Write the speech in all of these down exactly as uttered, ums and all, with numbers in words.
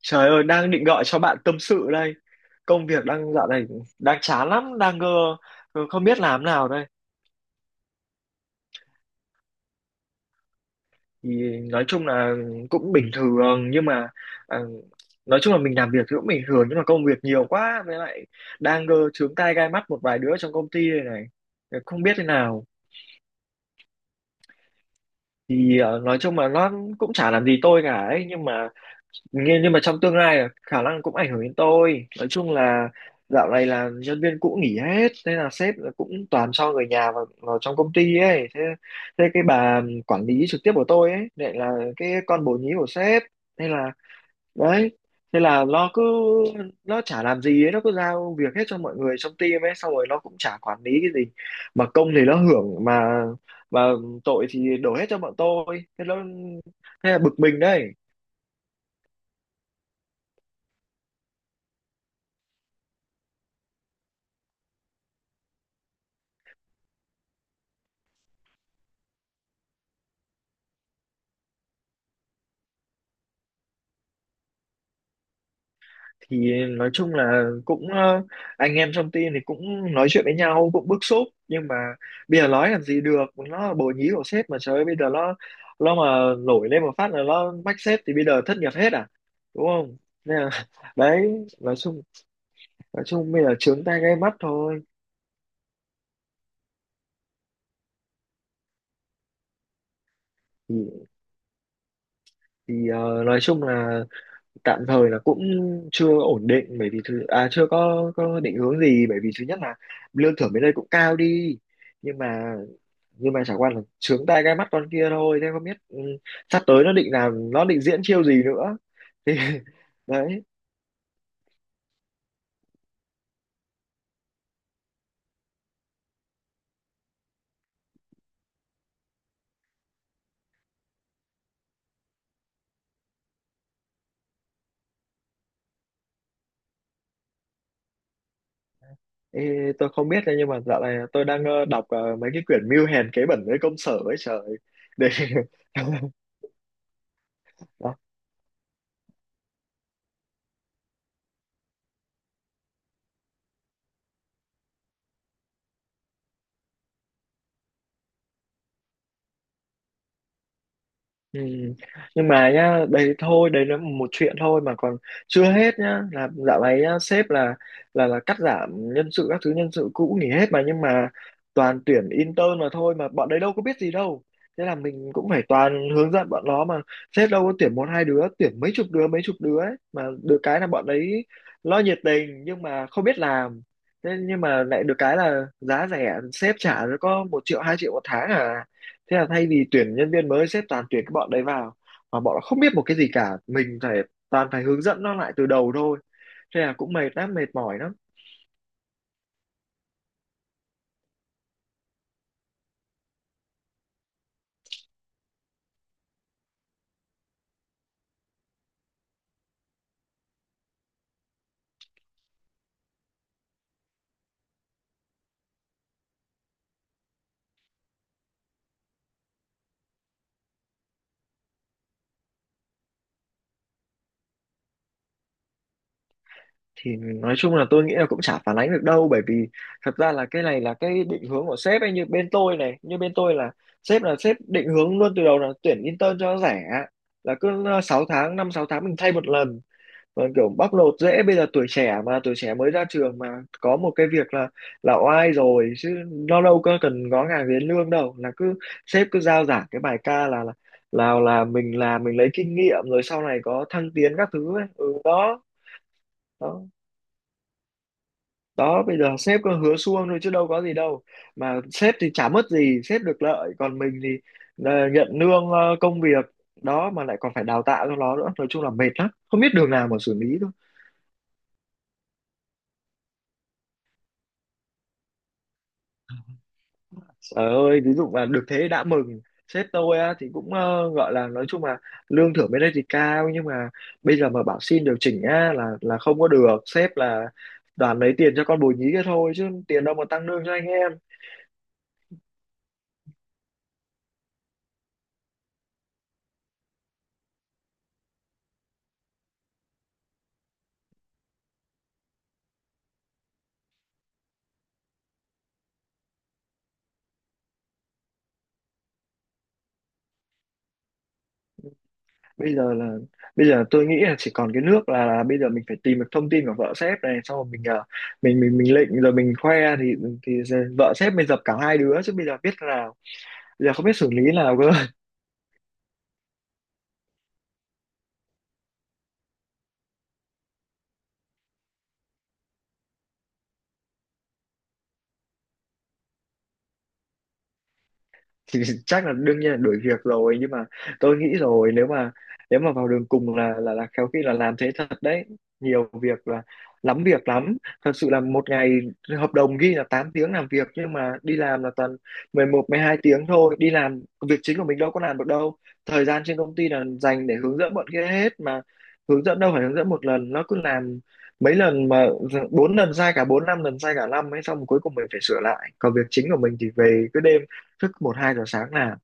Trời ơi, đang định gọi cho bạn tâm sự đây. Công việc đang dạo này đang chán lắm, đang ờ, không biết làm nào đây. Thì nói chung là cũng bình thường nhưng mà à, nói chung là mình làm việc thì cũng bình thường nhưng mà công việc nhiều quá với lại đang ờ, chướng tai gai mắt một vài đứa trong công ty này này. Không biết thế nào. Thì ờ, nói chung là nó cũng chả làm gì tôi cả ấy, nhưng mà nhưng nhưng mà trong tương lai là khả năng cũng ảnh hưởng đến tôi. Nói chung là dạo này là nhân viên cũ nghỉ hết, thế là sếp là cũng toàn cho người nhà vào, vào, trong công ty ấy. Thế, thế cái bà quản lý trực tiếp của tôi ấy lại là cái con bồ nhí của sếp. Thế là đấy, thế là nó cứ nó chả làm gì ấy, nó cứ giao việc hết cho mọi người trong team ấy, xong rồi nó cũng chả quản lý cái gì, mà công thì nó hưởng, mà mà tội thì đổ hết cho bọn tôi. Thế nó, thế là bực mình đấy. Thì nói chung là cũng ờ, anh em trong team thì cũng nói chuyện với nhau cũng bức xúc, nhưng mà bây giờ nói làm gì được, nó là bồ nhí của sếp mà. Trời ơi, bây giờ nó nó mà nổi lên một phát là nó mách sếp thì bây giờ thất nghiệp hết à, đúng không. Nên là, đấy, nói chung nói chung bây giờ trướng tai gai mắt thôi. thì, thì ờ, nói chung là tạm thời là cũng chưa ổn định, bởi vì thứ à chưa có có định hướng gì, bởi vì thứ nhất là lương thưởng bên đây cũng cao đi, nhưng mà nhưng mà chẳng qua là trướng tai gai mắt con kia thôi, thế không biết ừ, sắp tới nó định làm nó định diễn chiêu gì nữa thì đấy. Thì tôi không biết đấy, nhưng mà dạo này tôi đang ờ, đọc ờ, mấy cái quyển mưu hèn kế bẩn với công sở ấy, trời, để Ừ. Nhưng mà nhá, đấy thôi, đấy là một chuyện thôi mà còn chưa hết nhá, là dạo này nhá, sếp là là là cắt giảm nhân sự các thứ, nhân sự cũ nghỉ hết mà, nhưng mà toàn tuyển intern mà thôi, mà bọn đấy đâu có biết gì đâu. Thế là mình cũng phải toàn hướng dẫn bọn nó, mà sếp đâu có tuyển một hai đứa, tuyển mấy chục đứa mấy chục đứa ấy mà. Được cái là bọn đấy lo nhiệt tình nhưng mà không biết làm. Thế nhưng mà lại được cái là giá rẻ, sếp trả có một triệu hai triệu một tháng à, thế là thay vì tuyển nhân viên mới sếp toàn tuyển cái bọn đấy vào, mà bọn nó không biết một cái gì cả, mình phải toàn phải hướng dẫn nó lại từ đầu thôi. Thế là cũng mệt lắm, mệt mỏi lắm. Thì nói chung là tôi nghĩ là cũng chả phản ánh được đâu, bởi vì thật ra là cái này là cái định hướng của sếp ấy. Như bên tôi này, như bên tôi là sếp là sếp định hướng luôn từ đầu là tuyển intern cho nó rẻ, là cứ sáu tháng năm sáu tháng mình thay một lần. Vâng, kiểu bóc lột dễ. Bây giờ tuổi trẻ mà, tuổi trẻ mới ra trường mà có một cái việc là là oai rồi chứ, nó đâu có cần ngó ngàng đến lương đâu, là cứ sếp cứ giao giảng cái bài ca là là là, là mình làm mình lấy kinh nghiệm rồi sau này có thăng tiến các thứ ấy. Ừ đó đó đó bây giờ sếp cứ hứa suông thôi chứ đâu có gì đâu, mà sếp thì chả mất gì, sếp được lợi, còn mình thì ờ, nhận lương ờ, công việc đó, mà lại còn phải đào tạo cho nó nữa. Nói chung là mệt lắm, không biết đường nào mà xử lý thôi. Trời ơi, ví dụ mà được thế đã mừng. Sếp tôi á, thì cũng ờ, gọi là nói chung là lương thưởng bên đây thì cao, nhưng mà bây giờ mà bảo xin điều chỉnh á là là không có được. Sếp là toàn lấy tiền cho con bồ nhí kia thôi chứ tiền đâu mà tăng lương cho anh em. Bây giờ là bây giờ tôi nghĩ là chỉ còn cái nước là, là bây giờ mình phải tìm được thông tin của vợ sếp này, xong rồi mình ờ, mình mình mình lịnh rồi mình khoe thì thì vợ sếp mình dập cả hai đứa, chứ bây giờ biết thế nào. Bây giờ không biết xử lý nào cơ. Thì chắc là đương nhiên là đuổi việc rồi, nhưng mà tôi nghĩ rồi, nếu mà nếu mà vào đường cùng là là là khéo khi là làm thế thật đấy. Nhiều việc là, lắm việc lắm. Thật sự là một ngày hợp đồng ghi là tám tiếng làm việc, nhưng mà đi làm là toàn mười một mười hai tiếng thôi. Đi làm việc chính của mình đâu có làm được đâu, thời gian trên công ty là dành để hướng dẫn bọn kia hết mà. Hướng dẫn đâu phải hướng dẫn một lần, nó cứ làm mấy lần mà, bốn lần sai cả bốn, năm lần sai cả năm ấy, xong cuối cùng mình phải sửa lại, còn việc chính của mình thì về cứ đêm thức một hai giờ sáng làm.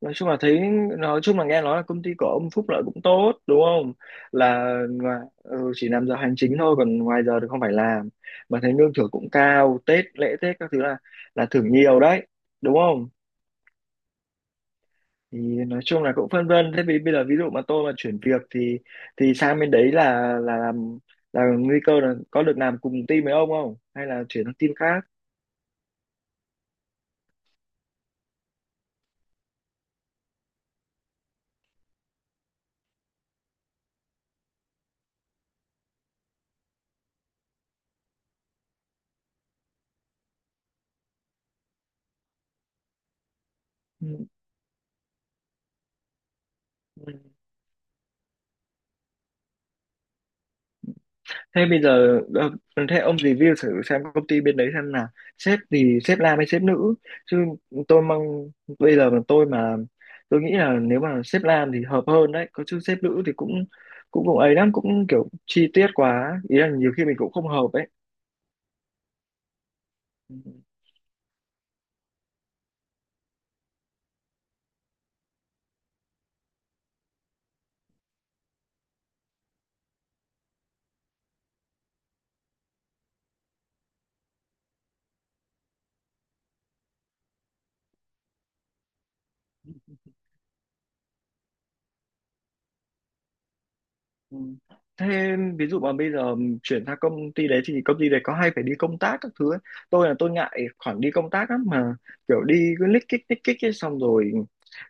Nói chung là thấy, nói chung là nghe nói là công ty của ông Phúc lợi cũng tốt, đúng không, là ngoài, ừ, chỉ làm giờ hành chính thôi còn ngoài giờ thì không phải làm, mà thấy lương thưởng cũng cao, Tết lễ Tết các thứ là là thưởng nhiều đấy, đúng không. Thì nói chung là cũng phân vân, thế vì bây giờ ví dụ mà tôi mà chuyển việc thì thì sang bên đấy là là làm là nguy cơ là có được làm cùng team với ông không, hay là chuyển sang team khác. Ừ. Ừ. Thế bây giờ ờ, thế ông review thử xem công ty bên đấy, xem là sếp thì sếp nam hay sếp nữ chứ. Tôi mong bây giờ mà tôi mà, tôi nghĩ là nếu mà sếp nam thì hợp hơn đấy có chứ, sếp nữ thì cũng cũng cũng ấy lắm, cũng kiểu chi tiết quá ý là nhiều khi mình cũng không hợp ấy. Ừ. Ừ. Thế ví dụ mà bây giờ chuyển sang công ty đấy thì công ty đấy có hay phải đi công tác các thứ ấy. Tôi là tôi ngại khoản đi công tác lắm, mà kiểu đi cứ lích kích lích kích ấy, xong rồi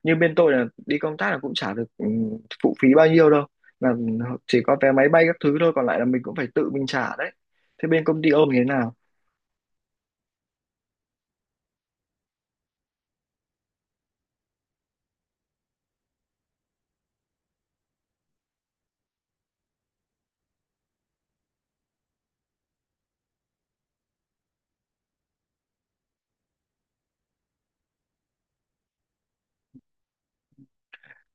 như bên tôi là đi công tác là cũng chả được ừ, phụ phí bao nhiêu đâu, là chỉ có vé máy bay các thứ thôi, còn lại là mình cũng phải tự mình trả đấy. Thế bên công ty ông như thế nào.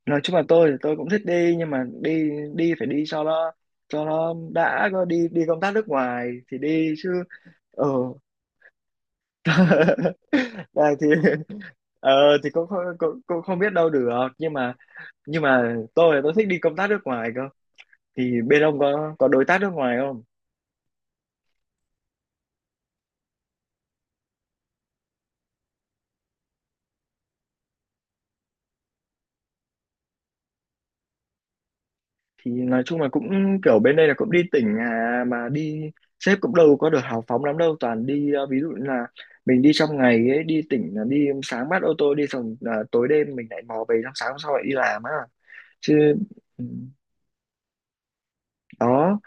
Nói chung là tôi thì tôi cũng thích đi, nhưng mà đi, đi phải đi cho nó, cho nó đã, có đi đi công tác nước ngoài thì đi chứ. Ờ, này thì ờ, thì cũng, không- cũng cũng không biết đâu được, nhưng mà nhưng mà tôi tôi thích đi công tác nước ngoài cơ. Thì bên ông có có đối tác nước ngoài không. Thì nói chung là cũng kiểu bên đây là cũng đi tỉnh à, mà đi sếp cũng đâu có được hào phóng lắm đâu, toàn đi ờ, ví dụ như là mình đi trong ngày ấy, đi tỉnh là đi sáng bắt ô tô đi, xong là tối đêm mình lại mò về, xong sáng hôm sau lại đi làm á, chứ ừ, đó.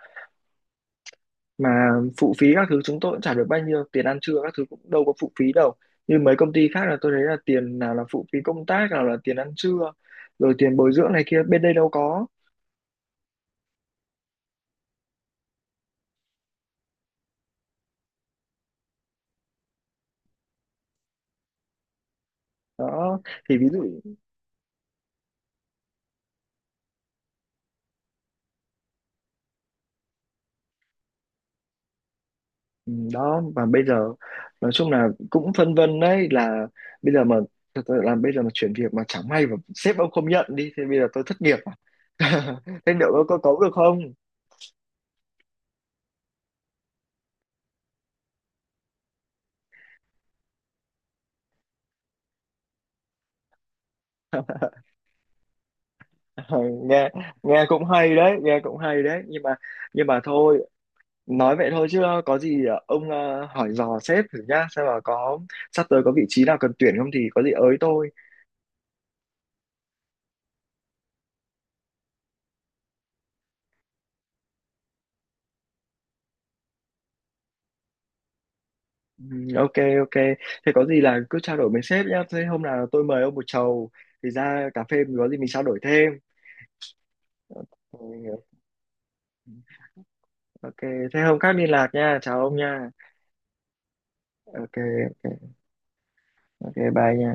Mà phụ phí các thứ chúng tôi cũng trả được bao nhiêu, tiền ăn trưa các thứ cũng đâu có phụ phí đâu, như mấy công ty khác là tôi thấy là tiền nào là phụ phí công tác, nào là tiền ăn trưa, rồi tiền bồi dưỡng này kia, bên đây đâu có. Đó thì ví dụ, ừ, đó, và bây giờ nói chung là cũng phân vân đấy, là bây giờ mà, thật sự là bây giờ mà chuyển việc mà chẳng may mà sếp ông không nhận đi thì bây giờ tôi thất nghiệp à? Thế liệu có có cấu được không. Nghe, nghe cũng hay đấy, nghe cũng hay đấy, nhưng mà nhưng mà thôi, nói vậy thôi, chứ có gì ờ, ông ờ, hỏi dò sếp thử nhá, xem là có sắp tới có vị trí nào cần tuyển không thì có gì ới tôi. Ừ, ok. Ok, thế có gì là cứ trao đổi với sếp nhá. Thế hôm nào tôi mời ông một chầu, thì ra cà phê mình có gì mình trao đổi thêm. Ok. Ok. Thế hôm khác liên lạc nha, chào ông nha. Ok. Ok. Ok, bye nha.